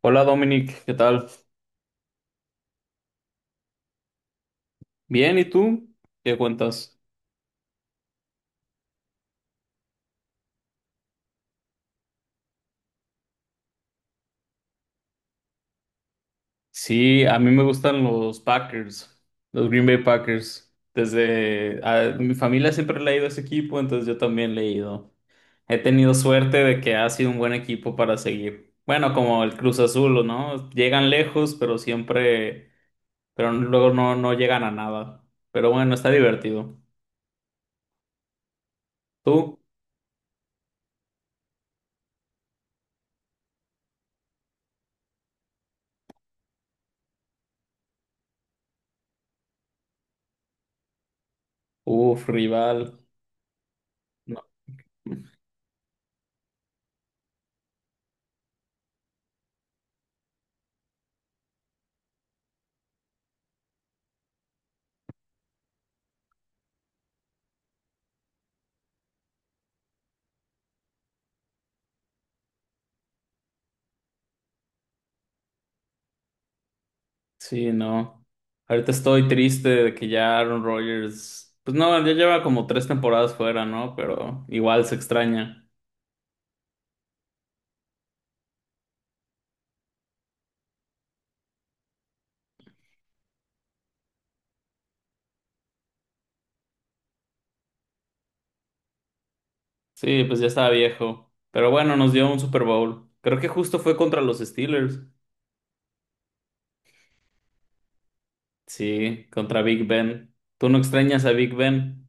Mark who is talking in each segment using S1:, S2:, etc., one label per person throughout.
S1: Hola Dominic, ¿qué tal? Bien, ¿y tú? ¿Qué cuentas? Sí, a mí me gustan los Packers, los Green Bay Packers. Mi familia siempre le ha ido a ese equipo, entonces yo también le he ido. He tenido suerte de que ha sido un buen equipo para seguir. Bueno, como el Cruz Azul, ¿no? Llegan lejos, pero siempre, pero luego no, no llegan a nada. Pero bueno, está divertido. ¿Tú? Uf, rival. Sí, no. Ahorita estoy triste de que ya Aaron Rodgers, pues no, ya lleva como 3 temporadas fuera, ¿no? Pero igual se extraña. Sí, pues ya estaba viejo. Pero bueno, nos dio un Super Bowl. Creo que justo fue contra los Steelers. Sí, contra Big Ben. ¿Tú no extrañas a Big Ben?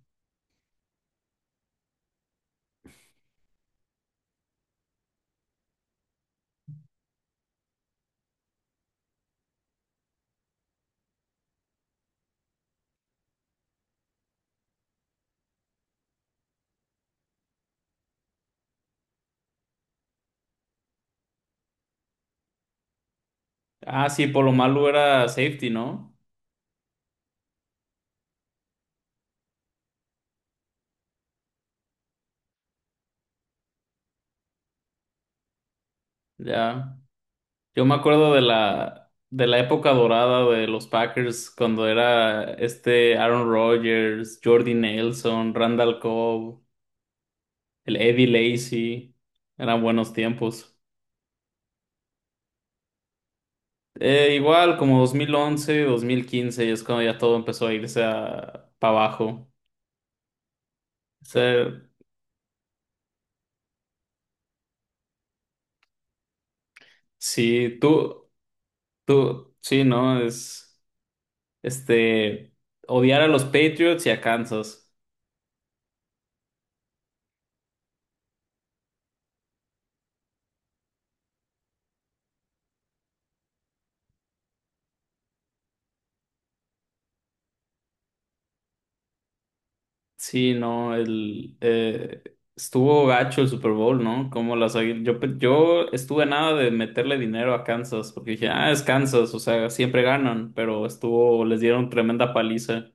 S1: Ah, sí, por lo malo era safety, ¿no? Ya. Yo me acuerdo de la época dorada de los Packers cuando era este Aaron Rodgers, Jordy Nelson, Randall Cobb. El Eddie Lacy, eran buenos tiempos. Igual como dos mil once 2015 es cuando ya todo empezó a irse para abajo. O sea, sí, tú, sí, ¿no? Este, Odiar a los Patriots y a Kansas. Sí, ¿no? Estuvo gacho el Super Bowl, ¿no? Como las, águil- yo, pe- yo estuve nada de meterle dinero a Kansas porque dije, ah, es Kansas, o sea, siempre ganan, pero estuvo, les dieron tremenda paliza.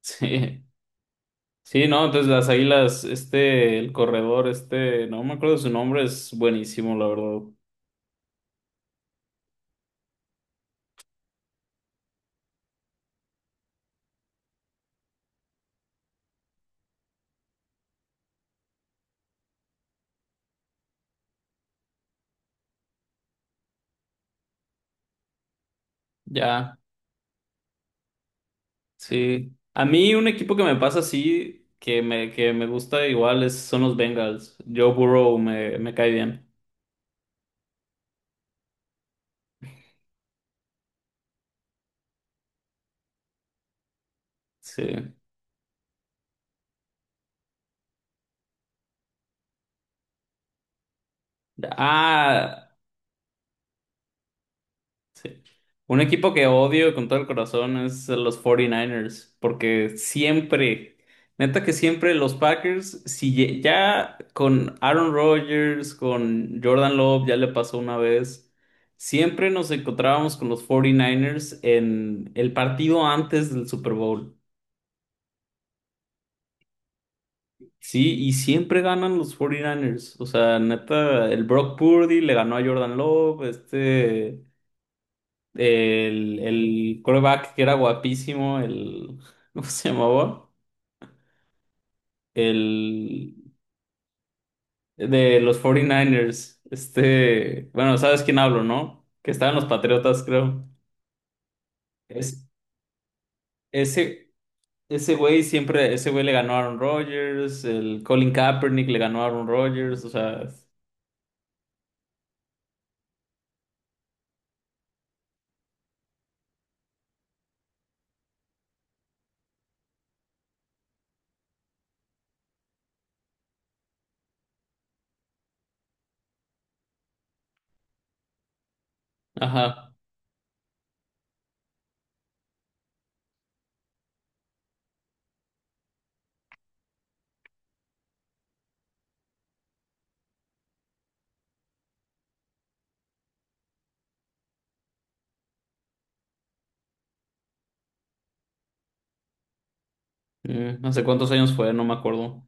S1: Sí, sí, no, entonces las águilas, este, el corredor, este, no me acuerdo de su nombre, es buenísimo, la verdad. Ya, sí. A mí un equipo que me pasa así, que me gusta igual, son los Bengals. Joe Burrow me cae bien. Sí. Ah, sí. Un equipo que odio con todo el corazón es los 49 Niners porque siempre, neta que siempre los Packers, si ye- ya con Aaron Rodgers, con Jordan Love, ya le pasó una vez, siempre nos encontrábamos con los 49 Niners en el partido antes del Super Bowl. Sí, y siempre ganan los 49 Niners. O sea, neta, el Brock Purdy le ganó a Jordan Love. El quarterback que era guapísimo, el, ¿cómo se llamaba? El de los 49ers. Este, bueno, sabes quién hablo, ¿no? Que estaba en los Patriotas, creo. Es, ese, ese güey siempre, ese güey le ganó a Aaron Rodgers, el Colin Kaepernick le ganó a Aaron Rodgers, o sea, ajá. Mm, no sé cuántos años fue, no me acuerdo.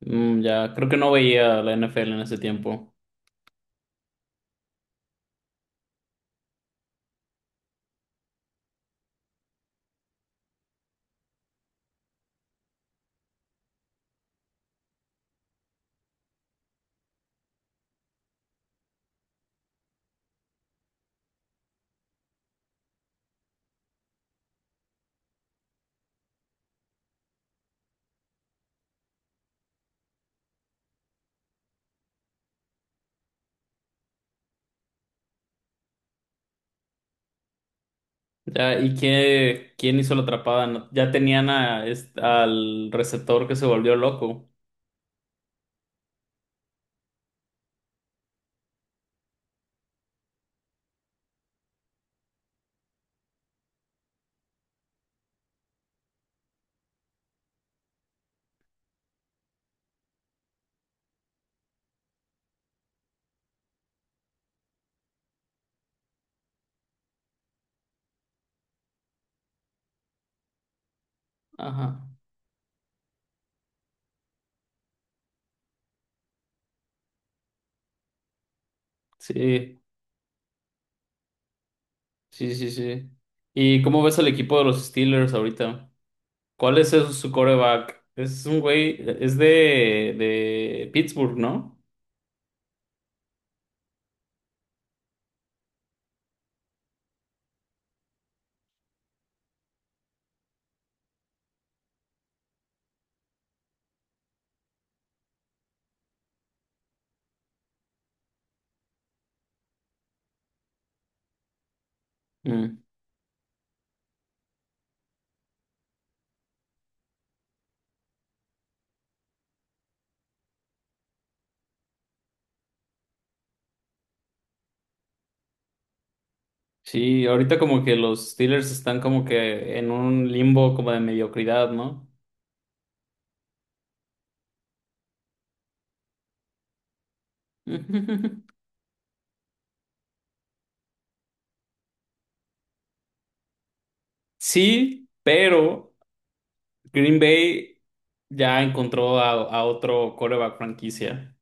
S1: Mm, ya, creo que no veía la NFL en ese tiempo. Ya, ¿y quién hizo la atrapada? No, ya tenían al receptor que se volvió loco. Ajá. Sí, sí, sí, sí. ¿Y cómo ves al equipo de los Steelers ahorita? ¿Cuál es su quarterback? Es un güey, es de Pittsburgh, ¿no? Mm. Sí, ahorita como que los Steelers están como que en un limbo como de mediocridad, ¿no? Sí, pero Green Bay ya encontró a otro quarterback franquicia.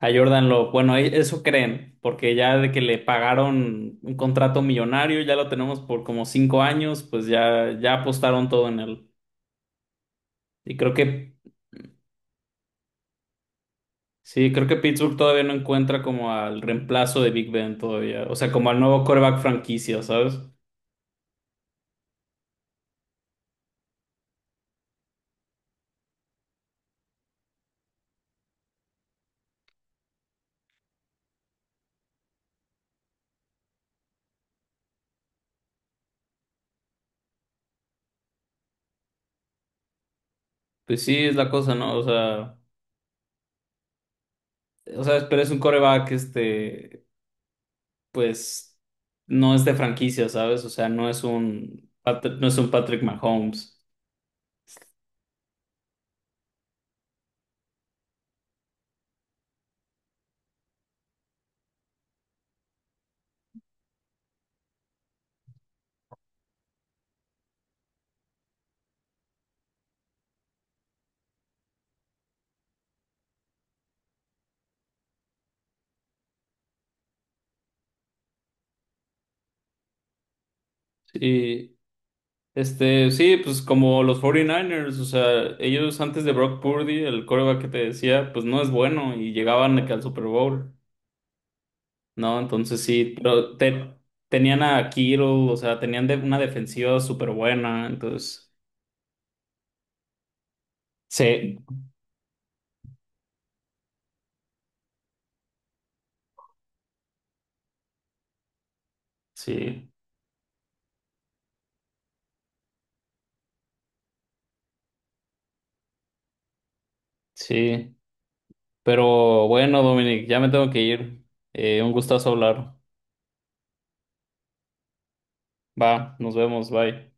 S1: A Jordan Love. Bueno, eso creen, porque ya de que le pagaron un contrato millonario, ya lo tenemos por como 5 años, pues ya, ya apostaron todo en él. Y creo que, sí, creo que Pittsburgh todavía no encuentra como al reemplazo de Big Ben todavía. O sea, como al nuevo quarterback franquicia, ¿sabes? Pues sí, es la cosa, ¿no? O sea, pero es un quarterback. Pues no es de franquicia, ¿sabes? O sea, no es un Patrick Mahomes. Y sí, pues como los 49 Niners, o sea, ellos antes de Brock Purdy, el quarterback que te decía, pues no es bueno y llegaban de que al Super Bowl, ¿no? Entonces sí, pero tenían a Kittle, o sea, tenían una defensiva súper buena, entonces sí, sí, sí. Pero bueno, Dominic, ya me tengo que ir. Un gustazo hablar. Va, nos vemos, bye.